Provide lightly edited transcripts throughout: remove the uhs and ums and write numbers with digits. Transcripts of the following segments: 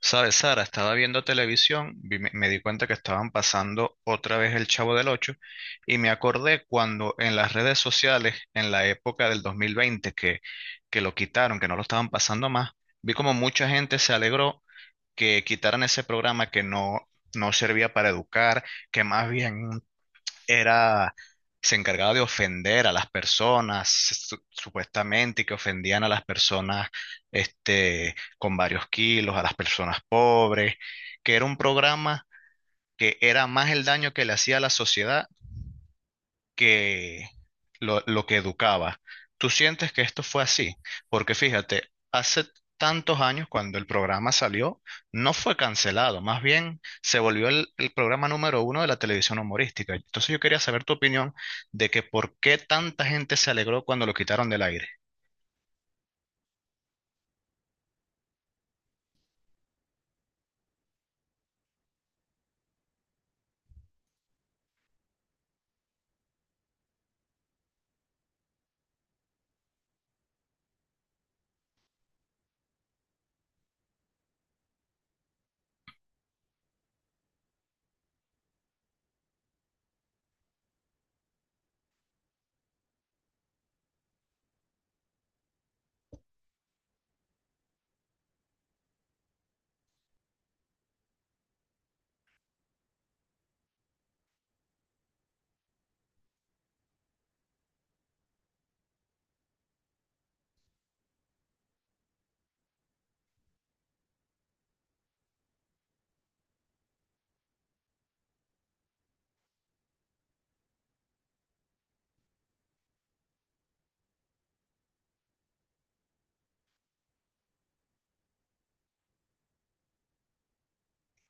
Sabes, Sara, estaba viendo televisión, me di cuenta que estaban pasando otra vez el Chavo del Ocho y me acordé cuando en las redes sociales, en la época del 2020, que lo quitaron, que no lo estaban pasando más. Vi como mucha gente se alegró que quitaran ese programa que no servía para educar, que más bien era, se encargaba de ofender a las personas, supuestamente, y que ofendían a las personas, con varios kilos, a las personas pobres. Que era un programa, que era más el daño que le hacía a la sociedad que lo que educaba. ¿Tú sientes que esto fue así? Porque fíjate, hace tantos años cuando el programa salió, no fue cancelado, más bien se volvió el programa número uno de la televisión humorística. Entonces yo quería saber tu opinión de que por qué tanta gente se alegró cuando lo quitaron del aire.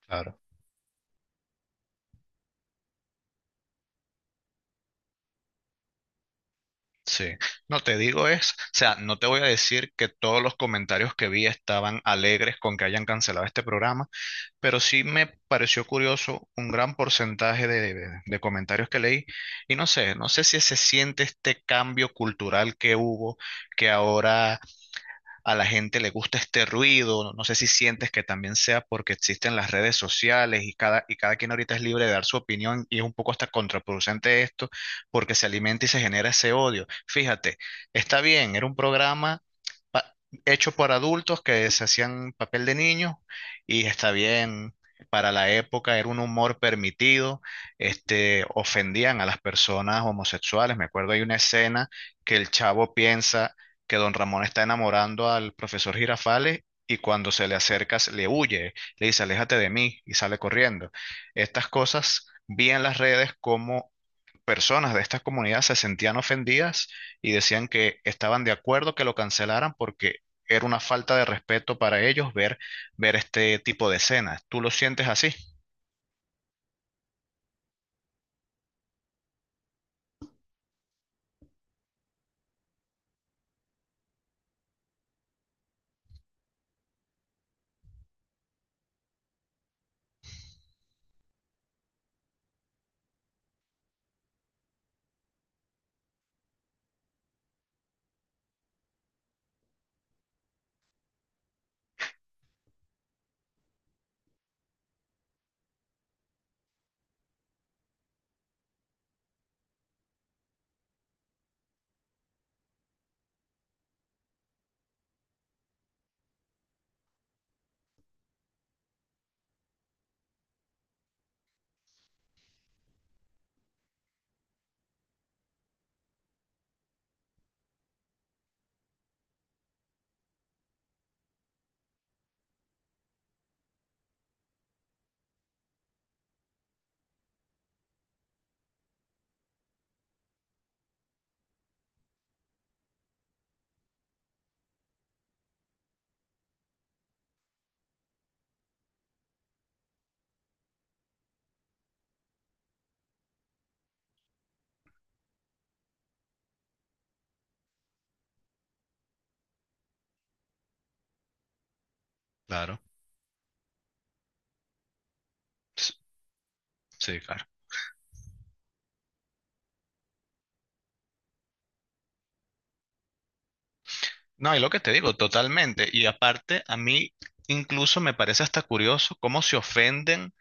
Claro. Sí, no te digo, es, o sea, no te voy a decir que todos los comentarios que vi estaban alegres con que hayan cancelado este programa, pero sí me pareció curioso un gran porcentaje de comentarios que leí. Y no sé si se siente este cambio cultural que hubo, que ahora a la gente le gusta este ruido. No, no sé si sientes que también sea porque existen las redes sociales y cada quien ahorita es libre de dar su opinión y es un poco hasta contraproducente esto, porque se alimenta y se genera ese odio. Fíjate, está bien, era un programa pa- hecho por adultos que se hacían papel de niños, y está bien. Para la época era un humor permitido. Ofendían a las personas homosexuales. Me acuerdo, hay una escena que el Chavo piensa que don Ramón está enamorando al profesor Girafales, y cuando se le acerca, le huye, le dice: "Aléjate de mí", y sale corriendo. Estas cosas vi en las redes, como personas de estas comunidades se sentían ofendidas y decían que estaban de acuerdo que lo cancelaran, porque era una falta de respeto para ellos ver este tipo de escenas. ¿Tú lo sientes así? Claro. s- sí, claro. No, y lo que te digo, totalmente. Y aparte, a mí incluso me parece hasta curioso cómo se ofenden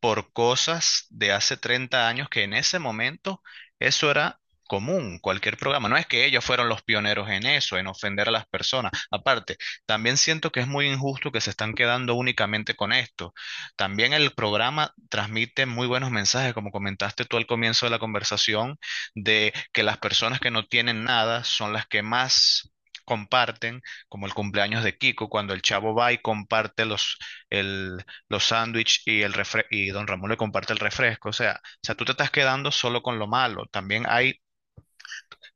por cosas de hace 30 años, que en ese momento eso era común, cualquier programa. No es que ellos fueron los pioneros en eso, en ofender a las personas. Aparte, también siento que es muy injusto que se están quedando únicamente con esto. También el programa transmite muy buenos mensajes, como comentaste tú al comienzo de la conversación, de que las personas que no tienen nada son las que más comparten, como el cumpleaños de Kiko, cuando el Chavo va y comparte el, los sándwiches, y y don Ramón le comparte el refresco. O sea, tú te estás quedando solo con lo malo. También hay,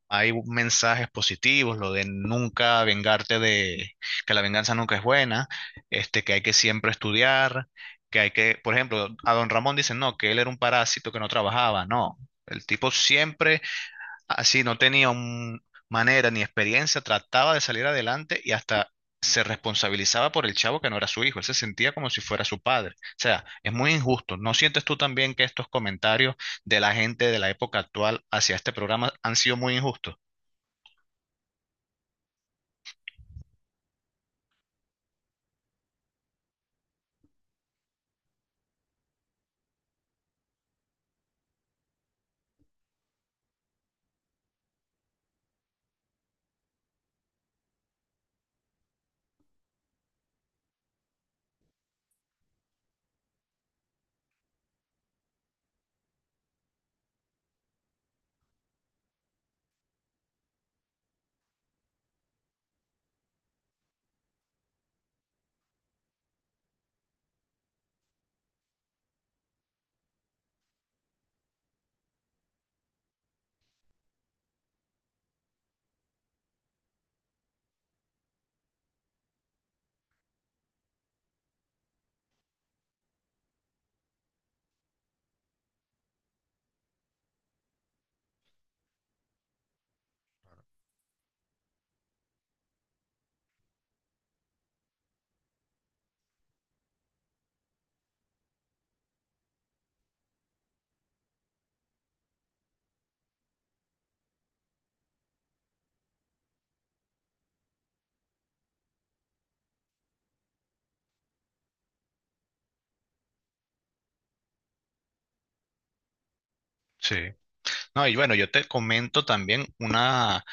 hay mensajes positivos, lo de nunca vengarte, de que la venganza nunca es buena. Que hay que siempre estudiar, que hay que, por ejemplo, a don Ramón dicen: "No, que él era un parásito que no trabajaba." No. El tipo siempre. Así no tenía manera ni experiencia, trataba de salir adelante y hasta se responsabilizaba por el Chavo, que no era su hijo. Él se sentía como si fuera su padre. O sea, es muy injusto. ¿No sientes tú también que estos comentarios de la gente de la época actual hacia este programa han sido muy injustos? Sí. No, y bueno, yo te comento también una,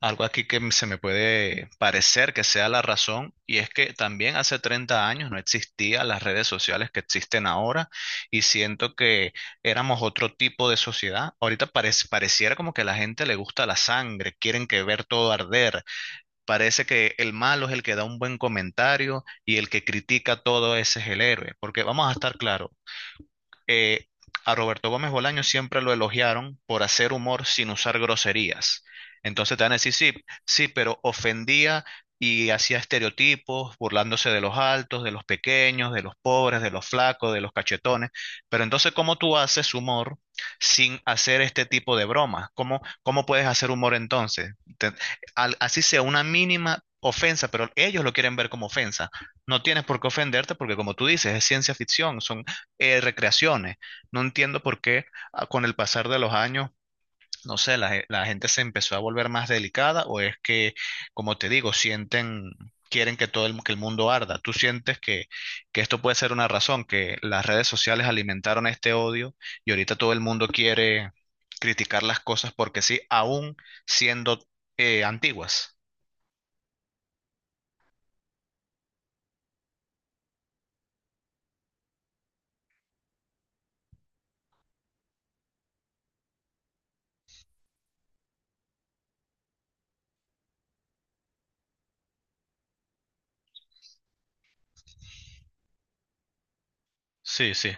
algo aquí que se me puede parecer que sea la razón, y es que también hace 30 años no existían las redes sociales que existen ahora, y siento que éramos otro tipo de sociedad. Ahorita pareciera como que a la gente le gusta la sangre, quieren que ver todo arder. Parece que el malo es el que da un buen comentario, y el que critica todo, ese es el héroe, porque vamos a estar claros, eh, a Roberto Gómez Bolaño siempre lo elogiaron por hacer humor sin usar groserías. Entonces te van a decir: "Sí, sí, pero ofendía y hacía estereotipos, burlándose de los altos, de los pequeños, de los pobres, de los flacos, de los cachetones." Pero entonces, ¿cómo tú haces humor sin hacer este tipo de bromas? ¿Cómo, cómo puedes hacer humor entonces? Te- Así sea una mínima ofensa, pero ellos lo quieren ver como ofensa. No tienes por qué ofenderte, porque, como tú dices, es ciencia ficción, son recreaciones. No entiendo por qué, con el pasar de los años, no sé, la gente se empezó a volver más delicada, o es que, como te digo, sienten, quieren que todo el, que el mundo arda. ¿Tú sientes que esto puede ser una razón, que las redes sociales alimentaron este odio, y ahorita todo el mundo quiere criticar las cosas porque sí, aún siendo antiguas? Sí, sí,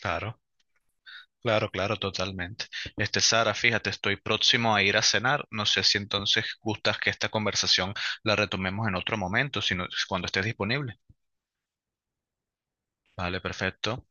claro. Claro, claro, totalmente. Sara, fíjate, estoy próximo a ir a cenar. No sé si entonces gustas que esta conversación la retomemos en otro momento, sino cuando estés disponible. Vale, perfecto.